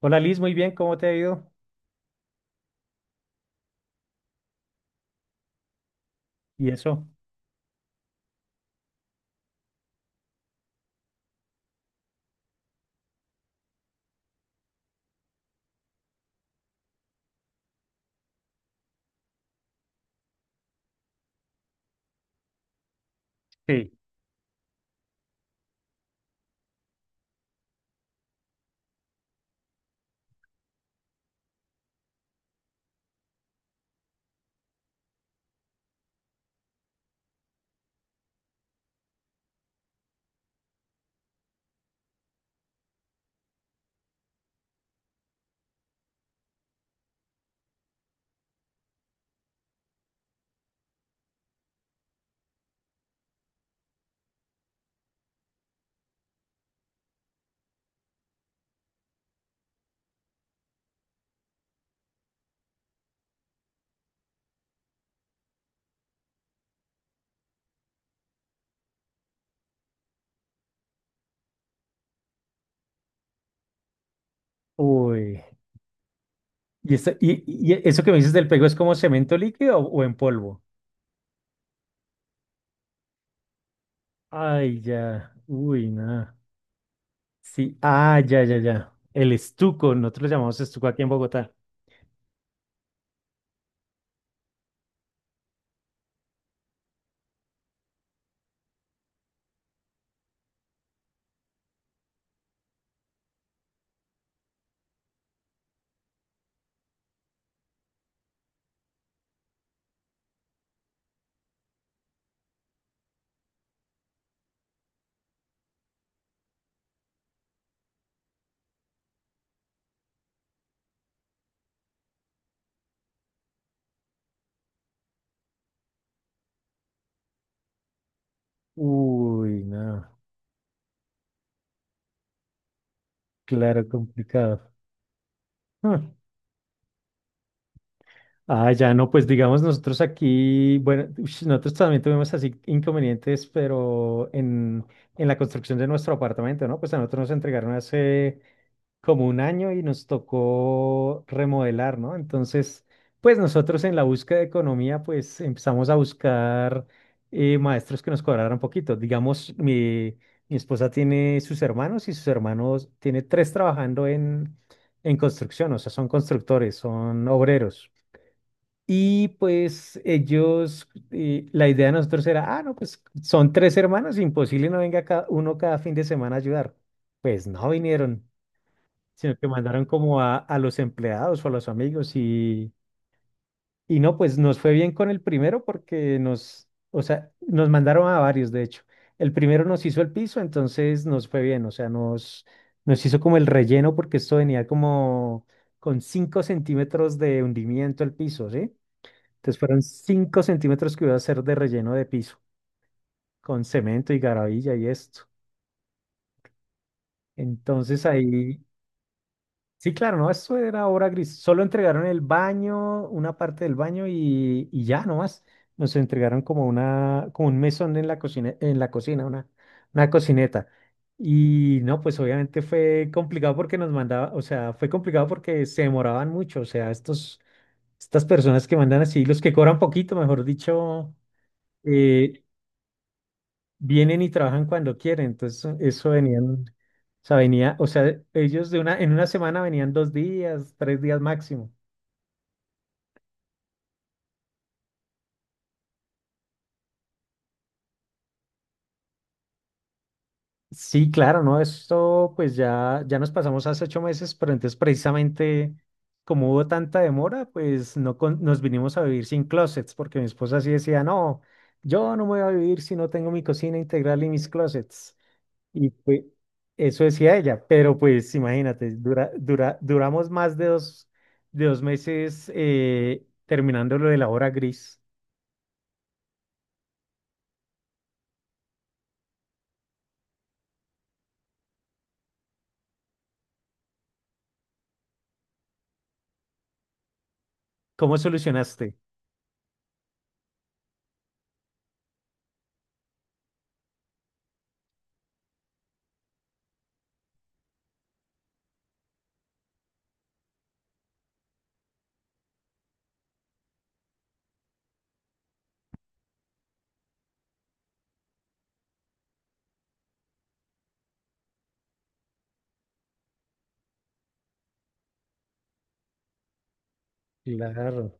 Hola Liz, muy bien, ¿cómo te ha ido? ¿Y eso? Sí, uy, ¿y eso que me dices del pego es como cemento líquido o en polvo? Ay, ya, uy, nada. Sí, ah, ya, ya, ya. El estuco, nosotros lo llamamos estuco aquí en Bogotá. Uy, nada. Claro, complicado. Ah, ah, ya no, pues digamos nosotros aquí, bueno, ush, nosotros también tuvimos así inconvenientes, pero en la construcción de nuestro apartamento, ¿no? Pues a nosotros nos entregaron hace como un año y nos tocó remodelar, ¿no? Entonces, pues nosotros en la búsqueda de economía, pues empezamos a buscar maestros que nos cobraran poquito. Digamos, mi esposa tiene sus hermanos y sus hermanos tiene tres trabajando en construcción, o sea, son constructores, son obreros. Y pues ellos, la idea de nosotros era, ah, no, pues son tres hermanos, imposible no venga uno cada fin de semana a ayudar. Pues no vinieron, sino que mandaron como a los empleados o a los amigos y no, pues nos fue bien con el primero porque o sea, nos mandaron a varios, de hecho. El primero nos hizo el piso, entonces nos fue bien, o sea, nos hizo como el relleno porque esto venía como con 5 centímetros de hundimiento el piso, ¿sí? Entonces fueron 5 centímetros que iba a hacer de relleno de piso, con cemento y garabilla y esto. Entonces ahí, sí, claro, no, eso era obra gris. Solo entregaron el baño, una parte del baño y ya nomás. Nos entregaron como un mesón en la cocina, una cocineta. Y no, pues obviamente fue complicado porque nos mandaba, o sea, fue complicado porque se demoraban mucho. O sea, estas personas que mandan así, los que cobran poquito, mejor dicho. Eh, Vienen y trabajan cuando quieren. Entonces, eso o sea, venía, o sea, en una semana venían 2 días, 3 días máximo. Sí, claro, ¿no? Esto pues ya nos pasamos hace 8 meses, pero entonces precisamente como hubo tanta demora, pues no con- nos vinimos a vivir sin closets, porque mi esposa sí decía, no, yo no me voy a vivir si no tengo mi cocina integral y mis closets. Y pues eso decía ella, pero pues imagínate, duramos más de de 2 meses terminando lo de la hora gris. ¿Cómo solucionaste? Claro,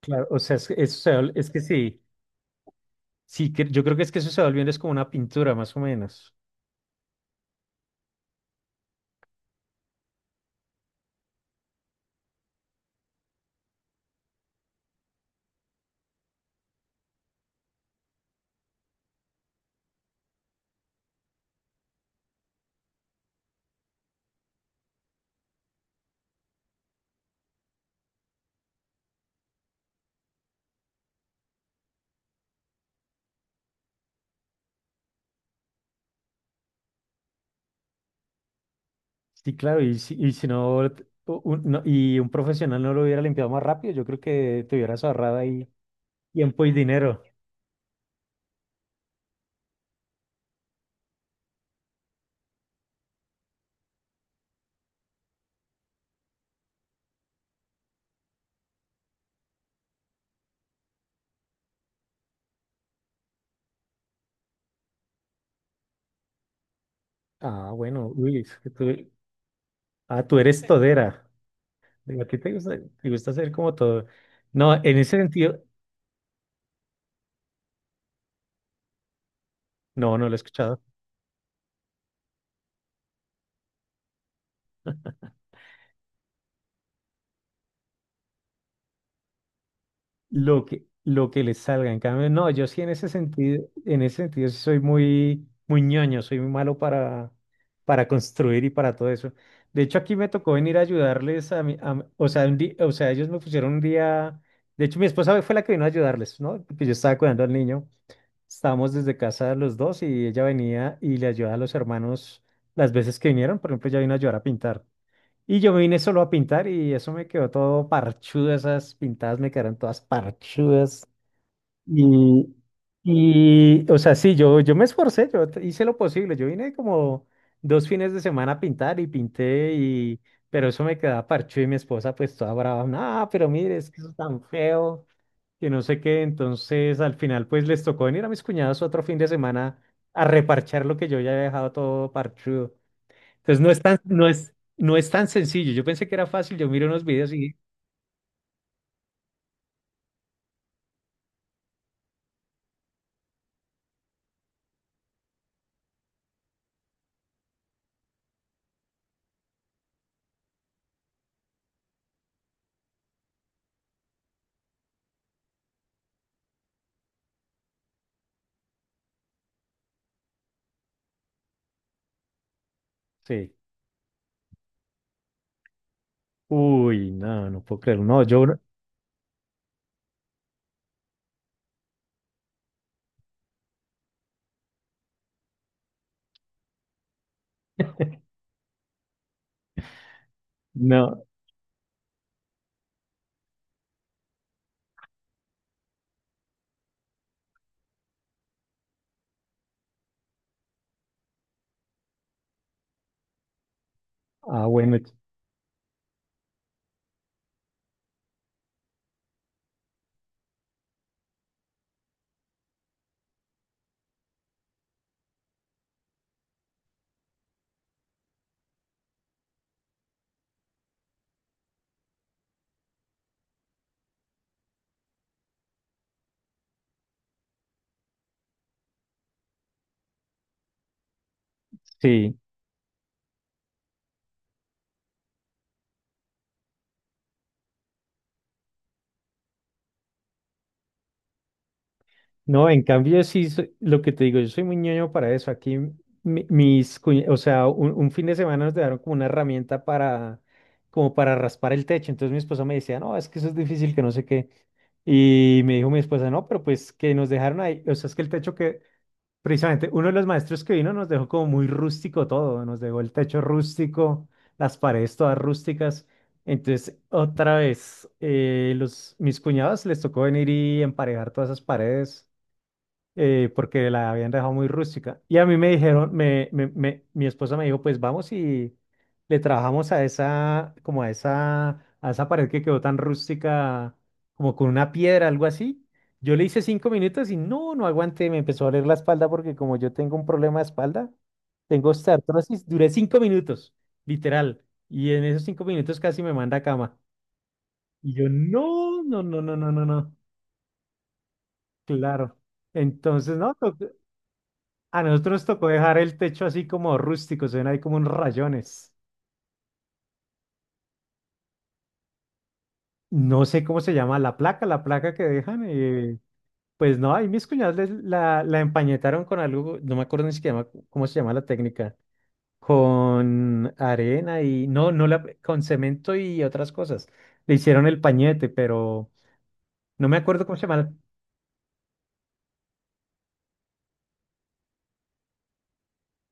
claro, o sea, es, que eso se va- es que sí, sí, yo creo que es que eso se va volviendo es como una pintura, más o menos. Sí, claro, y si no, y un profesional no lo hubiera limpiado más rápido, yo creo que te hubieras ahorrado ahí tiempo y dinero. Ah, bueno, uy, es que tú, ah, tú eres todera. Digo, a ti te gusta hacer como todo. No, en ese sentido, no, no lo he escuchado. Lo que les salga, en cambio, no, yo sí en ese sentido, sí soy muy, muy ñoño, soy muy malo para construir y para todo eso. De hecho, aquí me tocó venir a ayudarles o sea, o sea, ellos me pusieron un día, de hecho, mi esposa fue la que vino a ayudarles, ¿no? Porque yo estaba cuidando al niño, estábamos desde casa los dos y ella venía y le ayudaba a los hermanos las veces que vinieron, por ejemplo, ella vino a ayudar a pintar. Y yo me vine solo a pintar y eso me quedó todo parchudo, esas pintadas me quedaron todas parchudas. Y, y o sea, sí, yo me esforcé, hice lo posible. Yo vine como 2 fines de semana a pintar y pinté, pero eso me quedaba parchudo y mi esposa pues toda brava, no, pero mire, es que eso es tan feo, que no sé qué. Entonces al final pues les tocó venir a mis cuñados otro fin de semana a reparchar lo que yo ya había dejado todo parchudo. Entonces no es tan sencillo. Yo pensé que era fácil, yo miro unos videos y sí. Uy, no, no puedo creerlo. No, yo no. No. Ah, bueno, sí. No, en cambio sí, lo que te digo, yo soy muy ñoño para eso. Aquí o sea, un fin de semana nos dejaron como una herramienta como para raspar el techo. Entonces mi esposa me decía, no, es que eso es difícil, que no sé qué. Y me dijo mi esposa, no, pero pues que nos dejaron ahí, o sea, es que el techo que precisamente, uno de los maestros que vino nos dejó como muy rústico todo, nos dejó el techo rústico, las paredes todas rústicas. Entonces, otra vez, mis cuñados les tocó venir y emparejar todas esas paredes porque la habían dejado muy rústica. Y a mí me dijeron, mi esposa me dijo, pues vamos y le trabajamos a esa, como a esa pared que quedó tan rústica, como con una piedra, algo así. Yo le hice 5 minutos y no, no aguanté, me empezó a doler la espalda porque como yo tengo un problema de espalda, tengo osteoartrosis, duré 5 minutos, literal. Y en esos 5 minutos casi me manda a cama. Y yo, no, no, no, no, no, no, no, claro. Entonces, no, no. A nosotros nos tocó dejar el techo así como rústico, se ven ahí como unos rayones. No sé cómo se llama la placa que dejan. Pues no, ahí mis cuñados la empañetaron con algo, no me acuerdo ni siquiera cómo se llama la técnica, con arena y no, no la, con cemento y otras cosas. Le hicieron el pañete, pero no me acuerdo cómo se llama.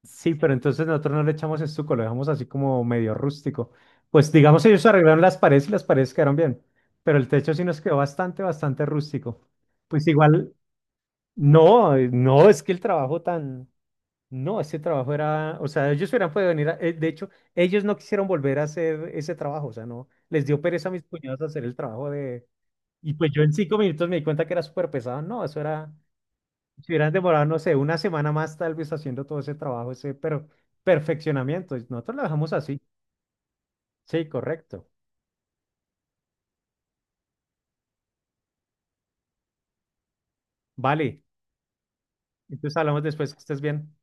Sí, pero entonces nosotros no le echamos estuco, lo dejamos así como medio rústico. Pues digamos, ellos arreglaron las paredes y las paredes quedaron bien, pero el techo sí nos quedó bastante, bastante rústico. Pues igual, no, no, es que el trabajo tan, no, ese trabajo era, o sea, ellos hubieran podido venir, de hecho, ellos no quisieron volver a hacer ese trabajo, o sea, no, les dio pereza a mis cuñados hacer el trabajo y pues yo en 5 minutos me di cuenta que era súper pesado, no, eso era, si hubieran demorado, no sé, una semana más tal vez haciendo todo ese trabajo, ese pero perfeccionamiento. Nosotros lo dejamos así. Sí, correcto. Vale. Entonces hablamos después, que estés bien.